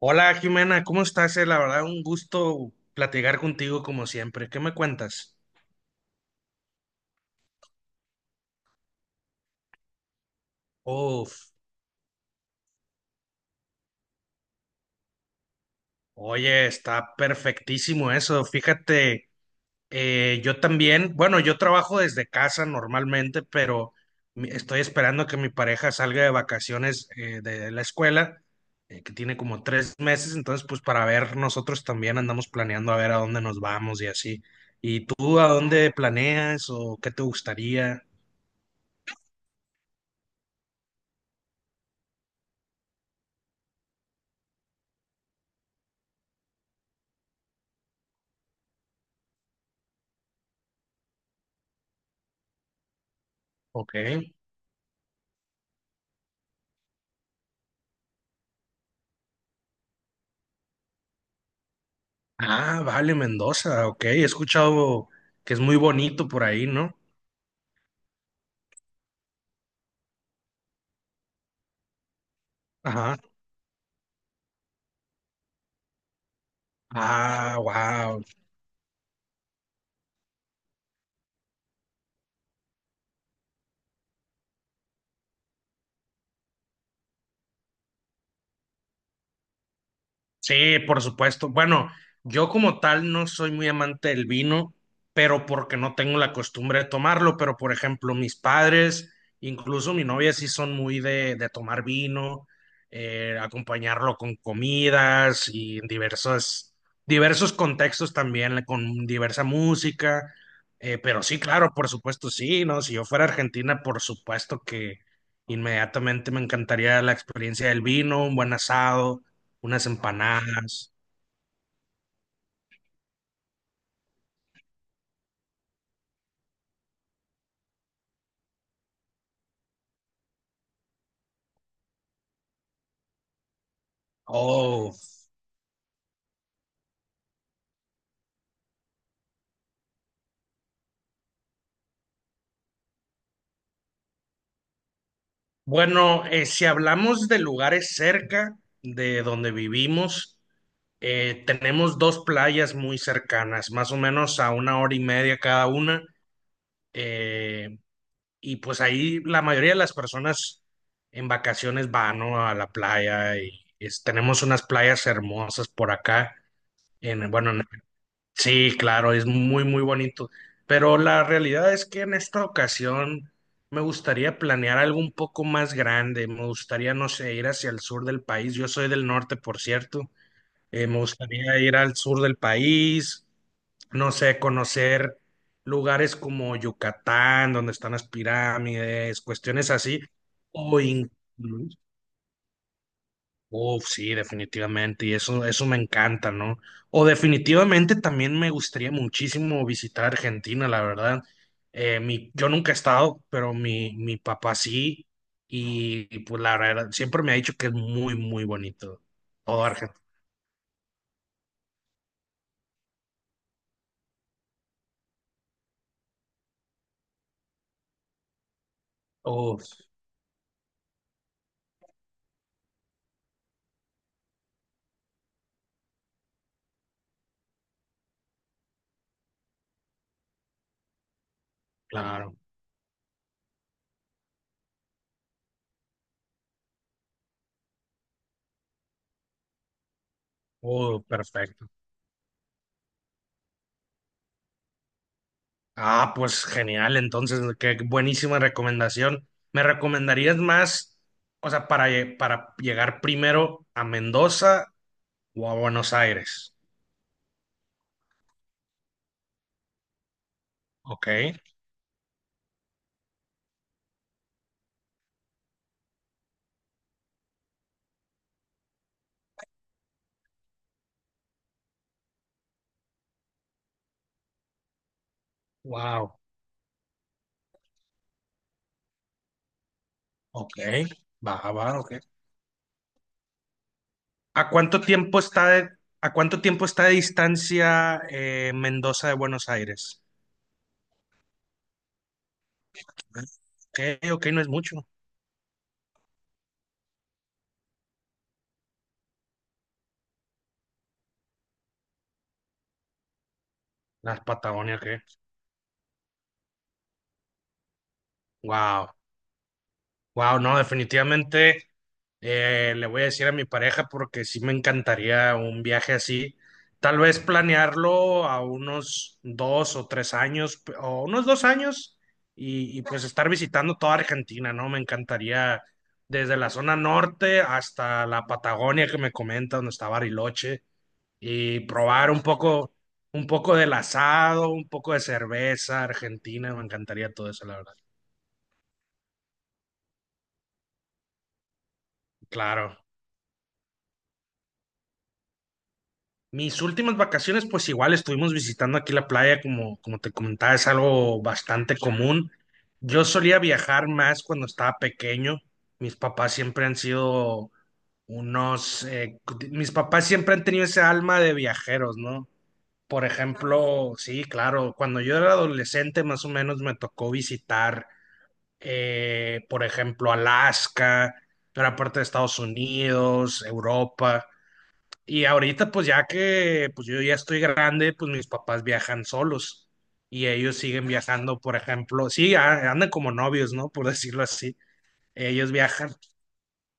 Hola Jimena, ¿cómo estás? La verdad, un gusto platicar contigo como siempre. ¿Qué me cuentas? Uf, oye, está perfectísimo eso. Fíjate, yo también, bueno, yo trabajo desde casa normalmente, pero estoy esperando que mi pareja salga de vacaciones de la escuela, que tiene como tres meses, entonces pues para ver, nosotros también andamos planeando a ver a dónde nos vamos y así. ¿Y tú a dónde planeas o qué te gustaría? Ok. Ah, vale, Mendoza, ok. He escuchado que es muy bonito por ahí, ¿no? Ajá. Ah, wow. Sí, por supuesto. Bueno, yo como tal no soy muy amante del vino, pero porque no tengo la costumbre de tomarlo, pero por ejemplo mis padres, incluso mi novia sí son muy de tomar vino, acompañarlo con comidas y en diversos contextos también, con diversa música. Pero sí, claro, por supuesto, sí, ¿no? Si yo fuera a Argentina, por supuesto que inmediatamente me encantaría la experiencia del vino, un buen asado unas empanadas. Oh, bueno, si hablamos de lugares cerca de donde vivimos, tenemos dos playas muy cercanas, más o menos a una hora y media cada una. eh, y pues ahí la mayoría de las personas en vacaciones van, ¿no? A la playa y tenemos unas playas hermosas por acá. En, bueno, en Sí, claro, es muy bonito. Pero la realidad es que en esta ocasión me gustaría planear algo un poco más grande. Me gustaría, no sé, ir hacia el sur del país. Yo soy del norte, por cierto. Me gustaría ir al sur del país, no sé, conocer lugares como Yucatán, donde están las pirámides, cuestiones así. O incluso Uf, sí, definitivamente, y eso me encanta, ¿no? O definitivamente también me gustaría muchísimo visitar Argentina, la verdad. Yo nunca he estado, pero mi papá sí, y pues la verdad, siempre me ha dicho que es muy bonito. Todo Argentina. Uf, claro. Oh, perfecto. Ah, pues genial, entonces, qué buenísima recomendación. ¿Me recomendarías más, o sea, para, para llegar primero a Mendoza o a Buenos Aires? Ok, wow, ok, baja, baja, ok. ¿A cuánto tiempo está de, ¿A cuánto tiempo está de distancia Mendoza de Buenos Aires? Ok, ok, no es mucho. Las Patagonias, ¿qué? Wow, wow, no, definitivamente. Le voy a decir a mi pareja porque sí me encantaría un viaje así. Tal vez planearlo a unos dos o tres años, o unos dos años, y pues estar visitando toda Argentina, ¿no? Me encantaría desde la zona norte hasta la Patagonia que me comenta, donde está Bariloche, y probar un poco del asado, un poco de cerveza argentina. Me encantaría todo eso, la verdad. Claro. Mis últimas vacaciones, pues igual estuvimos visitando aquí la playa, como te comentaba, es algo bastante común. Yo solía viajar más cuando estaba pequeño. Mis papás siempre han sido unos, eh, Mis papás siempre han tenido ese alma de viajeros, ¿no? Por ejemplo, sí, claro, cuando yo era adolescente más o menos me tocó visitar, por ejemplo, Alaska, gran parte de Estados Unidos, Europa. Y ahorita, pues ya que yo ya estoy grande, pues mis papás viajan solos y ellos siguen viajando, por ejemplo, sí, andan como novios, ¿no? Por decirlo así. Ellos viajan,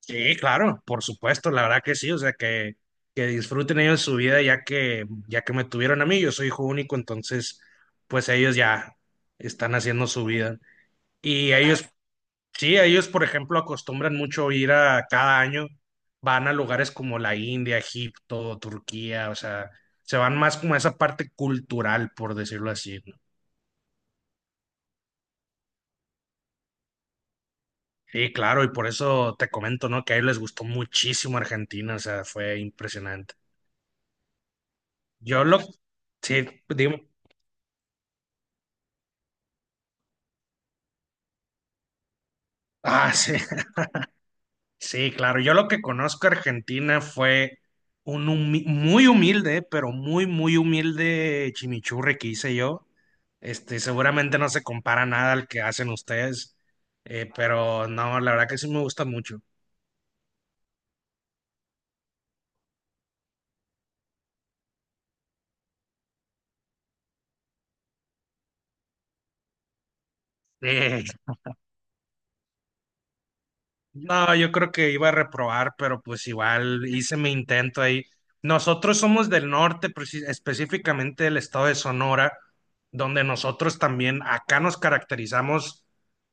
sí, claro, por supuesto, la verdad que sí, o sea, que disfruten ellos su vida ya que me tuvieron a mí, yo soy hijo único, entonces, pues ellos ya están haciendo su vida. Y Ah, ellos, Sí, ellos, por ejemplo, acostumbran mucho ir a cada año, van a lugares como la India, Egipto, Turquía, o sea, se van más como a esa parte cultural, por decirlo así, ¿no? Sí, claro, y por eso te comento, ¿no? Que a ellos les gustó muchísimo Argentina, o sea, fue impresionante. Yo lo... Sí, digo... Ah, sí. Sí, claro. Yo lo que conozco de Argentina fue un muy humilde, pero muy humilde chimichurri que hice yo. Este, seguramente no se compara nada al que hacen ustedes, pero no, la verdad que sí me gusta mucho. No, yo creo que iba a reprobar, pero pues igual hice mi intento ahí. Nosotros somos del norte, específicamente del estado de Sonora, donde nosotros también acá nos caracterizamos,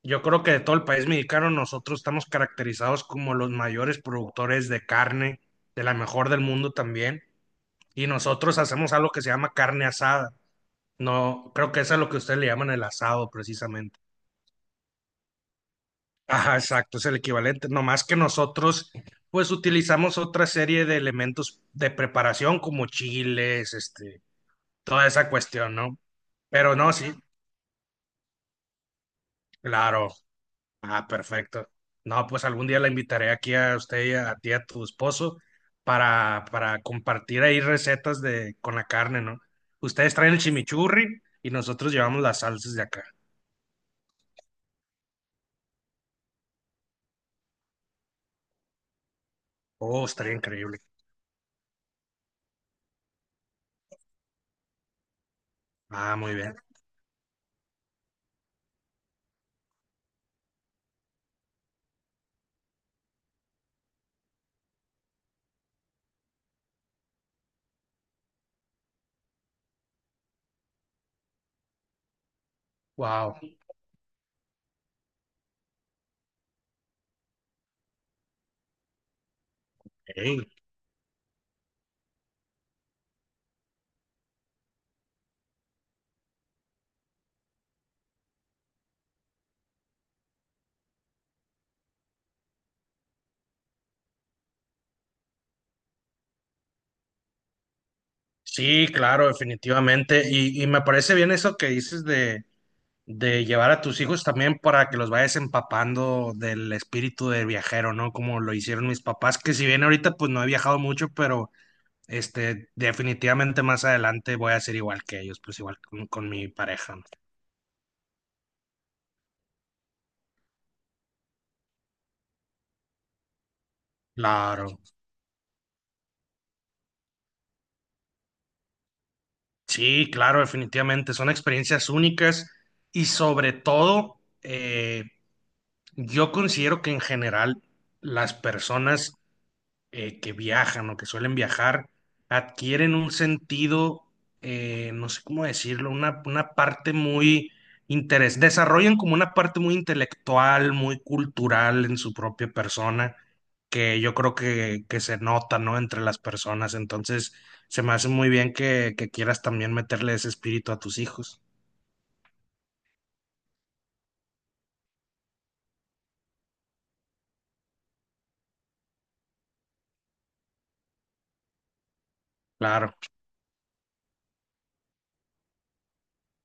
yo creo que de todo el país mexicano, nosotros estamos caracterizados como los mayores productores de carne, de la mejor del mundo también, y nosotros hacemos algo que se llama carne asada. No, creo que eso es lo que ustedes le llaman el asado precisamente. Ajá, exacto, es el equivalente. No más que nosotros, pues utilizamos otra serie de elementos de preparación como chiles, este, toda esa cuestión, ¿no? Pero no, sí, claro. Ah, perfecto. No, pues algún día la invitaré aquí a usted y a ti, a tu esposo, para compartir ahí recetas de, con la carne, ¿no? Ustedes traen el chimichurri y nosotros llevamos las salsas de acá. Oh, estaría increíble. Ah, muy bien. Wow. Sí, claro, definitivamente. Y me parece bien eso que dices de llevar a tus hijos también para que los vayas empapando del espíritu de viajero, ¿no? Como lo hicieron mis papás, que si bien ahorita pues no he viajado mucho, pero este, definitivamente más adelante voy a ser igual que ellos, pues igual con mi pareja. ¿No? Claro. Sí, claro, definitivamente. Son experiencias únicas y sobre todo, yo considero que en general las personas que viajan o que suelen viajar adquieren un sentido, no sé cómo decirlo, una parte muy interés, desarrollan como una parte muy intelectual, muy cultural en su propia persona, que yo creo que se nota, ¿no? Entre las personas. Entonces, se me hace muy bien que quieras también meterle ese espíritu a tus hijos. Claro.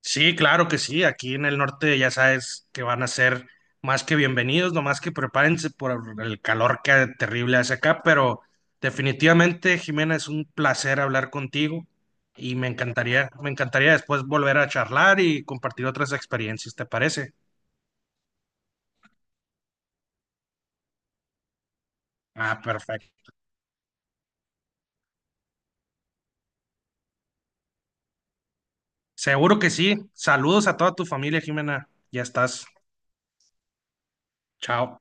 Sí, claro que sí. Aquí en el norte ya sabes que van a ser más que bienvenidos, nomás que prepárense por el calor que terrible hace acá, pero definitivamente, Jimena, es un placer hablar contigo y me encantaría después volver a charlar y compartir otras experiencias, ¿te parece? Ah, perfecto. Seguro que sí. Saludos a toda tu familia, Jimena. Ya estás. Chao.